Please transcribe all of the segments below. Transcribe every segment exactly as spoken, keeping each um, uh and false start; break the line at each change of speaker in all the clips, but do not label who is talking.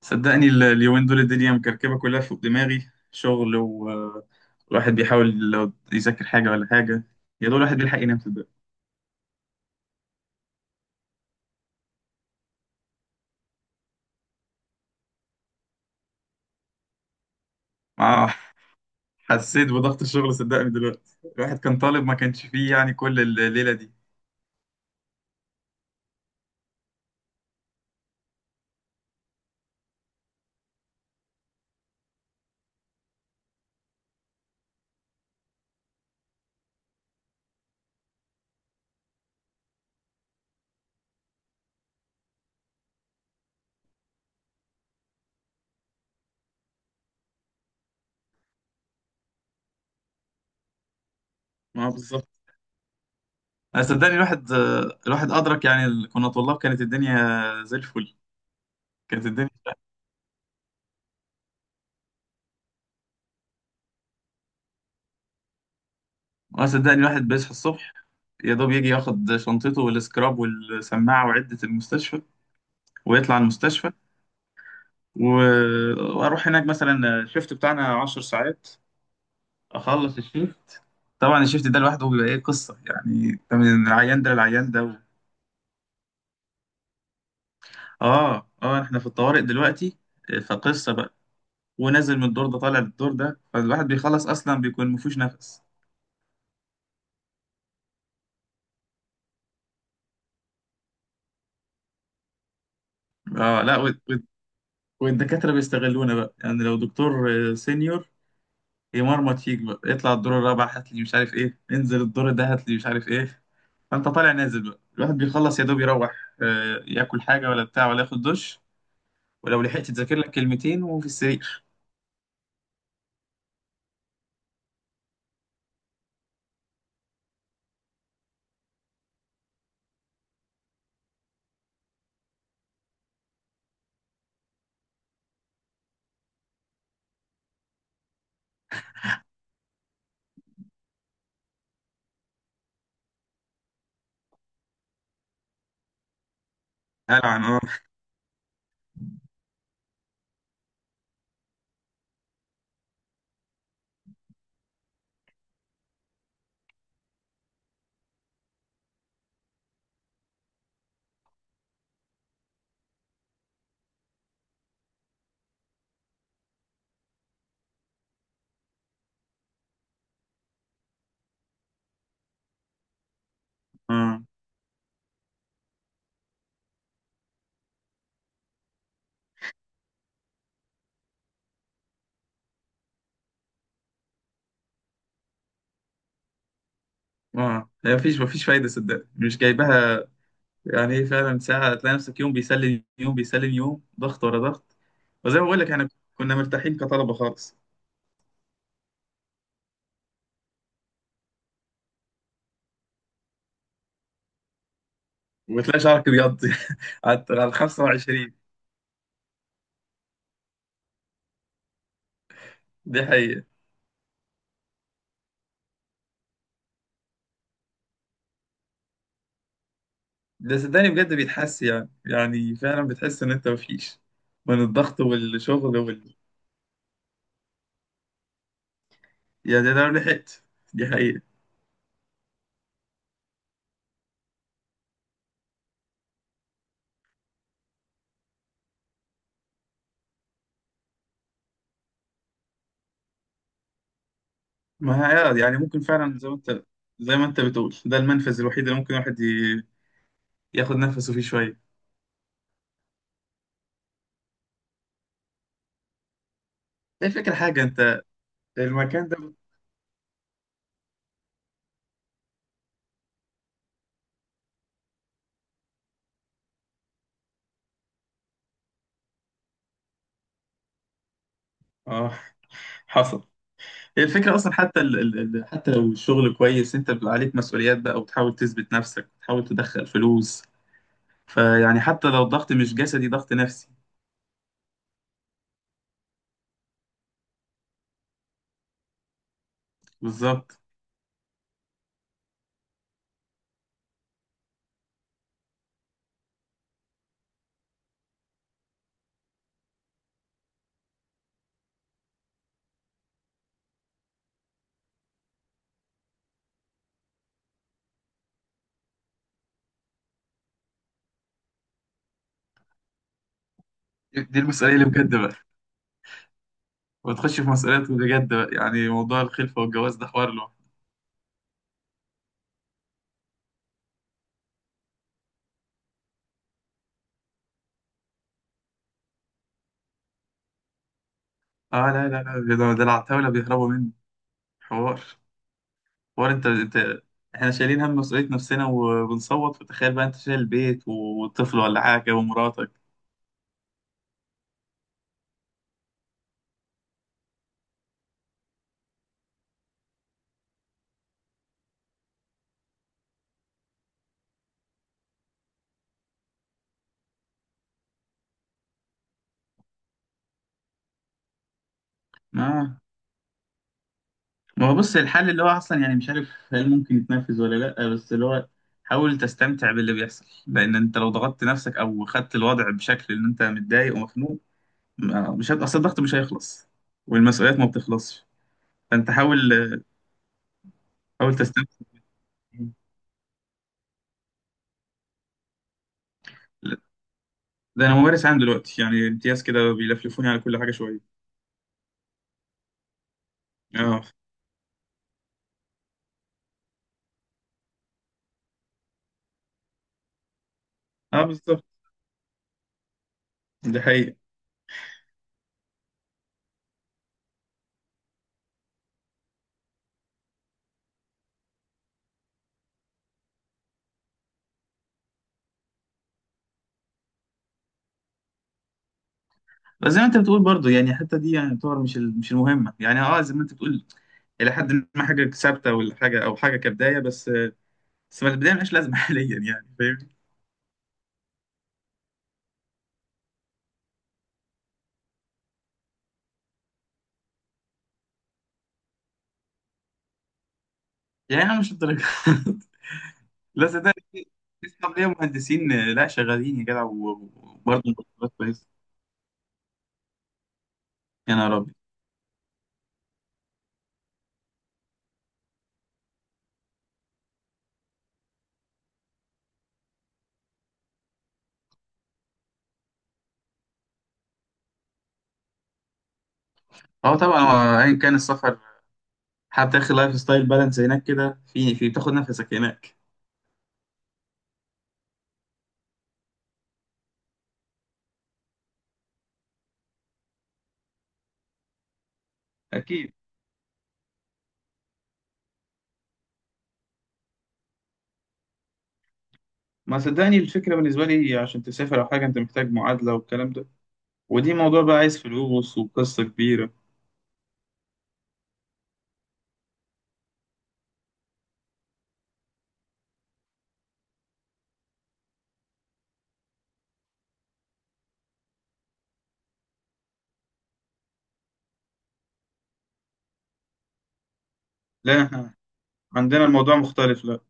صدقني ال- اليومين دول الدنيا مكركبة كلها فوق دماغي شغل، والواحد بيحاول لو يذاكر حاجة ولا حاجة. يا دول الواحد بيلحق ينام صدقني. آه، حسيت بضغط الشغل صدقني. دلوقتي الواحد كان طالب ما كانش فيه يعني كل الليلة دي. ما هو بالظبط. أنا صدقني الواحد آه، الواحد أدرك يعني ال- كنا طلاب كانت الدنيا زي الفل. كانت الدنيا. اه صدقني الواحد بيصحى الصبح، يا دوب يجي ياخد شنطته والسكراب والسماعة وعدة المستشفى، ويطلع المستشفى. و- واروح هناك مثلا الشيفت بتاعنا عشر ساعات. اخلص الشيفت. طبعا الشيفت ده لوحده بيبقى ايه قصه، يعني أنت من العيان ده للعيان ده و... اه اه، احنا في الطوارئ دلوقتي. فقصه بقى، ونازل من الدور ده طالع للدور ده، فالواحد بيخلص اصلا بيكون مفيش نفس. اه، لا وال- وال- والدكاتره بيستغلونا بقى. يعني لو دكتور آه، سينيور، يمرمط فيك بقى، اطلع الدور الرابع هات لي مش عارف ايه، انزل الدور ده هات لي مش عارف ايه. فانت طالع نازل بقى، الواحد بيخلص يا دوب يروح، آه، ياكل حاجه ولا بتاع ولا ياخد دش، ولو لحقت تذاكر لك كلمتين وفي السرير. قال عن اه. اه اه، هي مفيش مفيش فايده صدقني، مش جايبها يعني ايه. فعلا ساعه تلاقي نفسك يوم بيسلم يوم بيسلم، يوم ضغط ورا ضغط. وزي ما بقول لك، احنا كنا مرتاحين كطلبه خالص. وتلاقي شعرك ابيض على على ال الخمسة وعشرين. دي حقيقه. ده صدقني بجد بيتحس، يعني يعني فعلا بتحس ان انت مفيش من الضغط والشغل. يا ده لو لحقت. دي حقيقة. ما هي آه، يعني ممكن فعلا زي ما انت زي ما انت بتقول، ده المنفذ الوحيد اللي ممكن الواحد ي- ياخد نفسه فيه شوية. هي الفكرة حاجة انت، المكان ده بت- اه حصل. هي الفكرة أصلا حتى ال... ال... ال- حتى لو الشغل كويس، أنت بيبقى عليك مسؤوليات بقى، وتحاول تثبت نفسك وتحاول تدخل فلوس. فيعني حتى لو الضغط مش جسدي، ضغط نفسي. بالظبط. دي المسؤولية اللي بجد بقى، وتخش في مسؤوليات بجد بقى. يعني موضوع الخلفة والجواز ده حوار له. اه، لا لا لا، ده ده العتاولة بيهربوا. حوار، حوار. انت انت احنا شايلين هم مسؤولية نفسنا وبنصوت، فتخيل بقى انت شايل البيت وطفل ولا حاجة ومراتك. اه، ما هو بص الحل اللي هو اصلا يعني مش عارف هل ممكن يتنفذ ولا لا، بس اللي هو حاول تستمتع باللي بيحصل. لان انت لو ضغطت نفسك او خدت الوضع بشكل ان انت متضايق ومخنوق، ما- مش هت... اصل الضغط مش هيخلص، والمسؤوليات ما بتخلصش. فانت حاول، حاول تستمتع. لا، ده انا ممارس عام دلوقتي يعني امتياز كده، بيلفلفوني على كل حاجة شوية. اه اه بالظبط، ده حقيقي. بس زي ما انت بتقول برضو، يعني حتى دي يعني تعتبر مش ال- مش المهمه. يعني اه زي ما انت بتقول، الى حد ما حاجه ثابته ولا حاجه، او حاجه كبدايه بس. بس ما البدايه ملهاش لازمه حاليا، يعني فاهمني. يعني انا مش الدرجه. لا صدقني، في- في اصحاب ليا مهندسين آه، لا شغالين يا جدع، و- و- وبرضه مرتبات كويسه. يا نهار ابيض. اه طبعا، هو ايا كان السفر حتى اخر، لايف ستايل بالانس هناك كده، في في بتاخد نفسك هناك. اكيد. ما صدقني الفكره بالنسبه لي، عشان تسافر او حاجه انت محتاج معادله والكلام ده، ودي موضوع بقى عايز فلوس وقصة كبيرة. لا احنا عندنا الموضوع مختلف. لا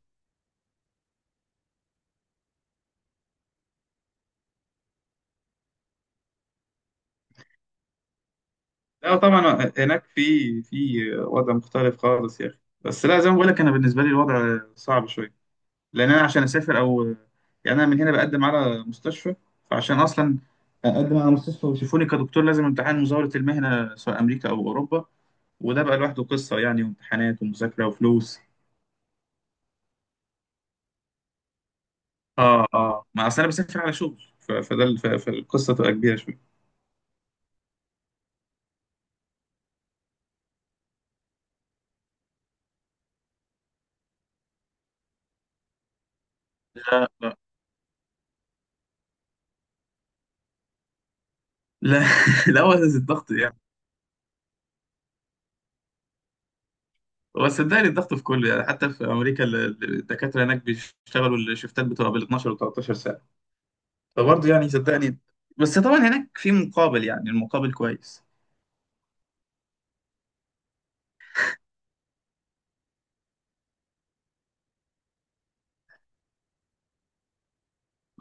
لا طبعا، هناك في في وضع مختلف خالص يا أخي. بس لا، زي ما بقول لك أنا، بالنسبة لي الوضع صعب شوية. لأن أنا عشان أسافر أو، يعني أنا من هنا بقدم على مستشفى. فعشان أصلا أقدم على مستشفى ويشوفوني كدكتور، لازم امتحان مزاولة المهنة سواء أمريكا أو أوروبا. وده بقى لوحده قصة يعني، وامتحانات ومذاكرة وفلوس. اه اه، ما أصل أنا بسافر على شغل، ف- فده ال- ف- فالقصة تبقى كبيرة شوية. لا لا لا، هو الضغط يعني. هو صدقني الضغط في كله، يعني حتى في امريكا ال- ال- الدكاتره هناك بيشتغلوا الشفتات بتبقى بال اتناشر و ثلاثة عشر ساعه. فبرضه يعني صدقني، بس طبعا هناك في مقابل، يعني المقابل كويس.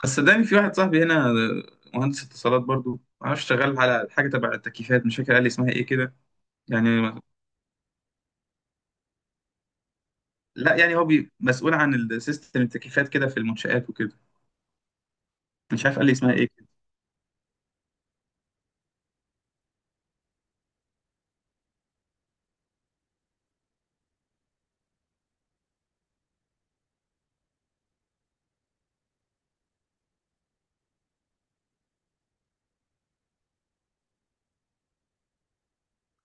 بس صدقني في واحد صاحبي هنا مهندس اتصالات برضه، معرفش شغال على حاجه تبع التكييفات مش فاكر قال لي اسمها ايه كده. يعني لا، يعني هو بي مسؤول عن السيستم التكييفات كده في المنشآت وكده، مش عارف قال لي اسمها ايه كده.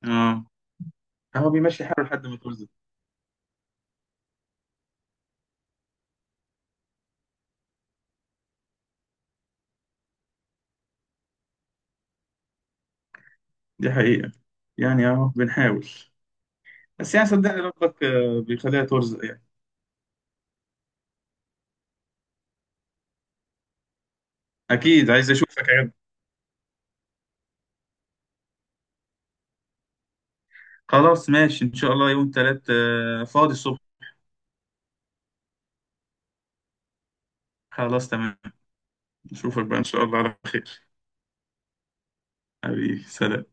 اه هو بيمشي حاله لحد ما توصل. دي حقيقه، يعني اهو بنحاول. بس يعني صدقني ربك آه، بيخليها ترزق يعني. اكيد عايز اشوفك يا جدع. خلاص ماشي ان شاء الله، يوم تلات آه، فاضي الصبح. خلاص تمام. نشوفك بقى ان شاء الله على خير. حبيبي سلام.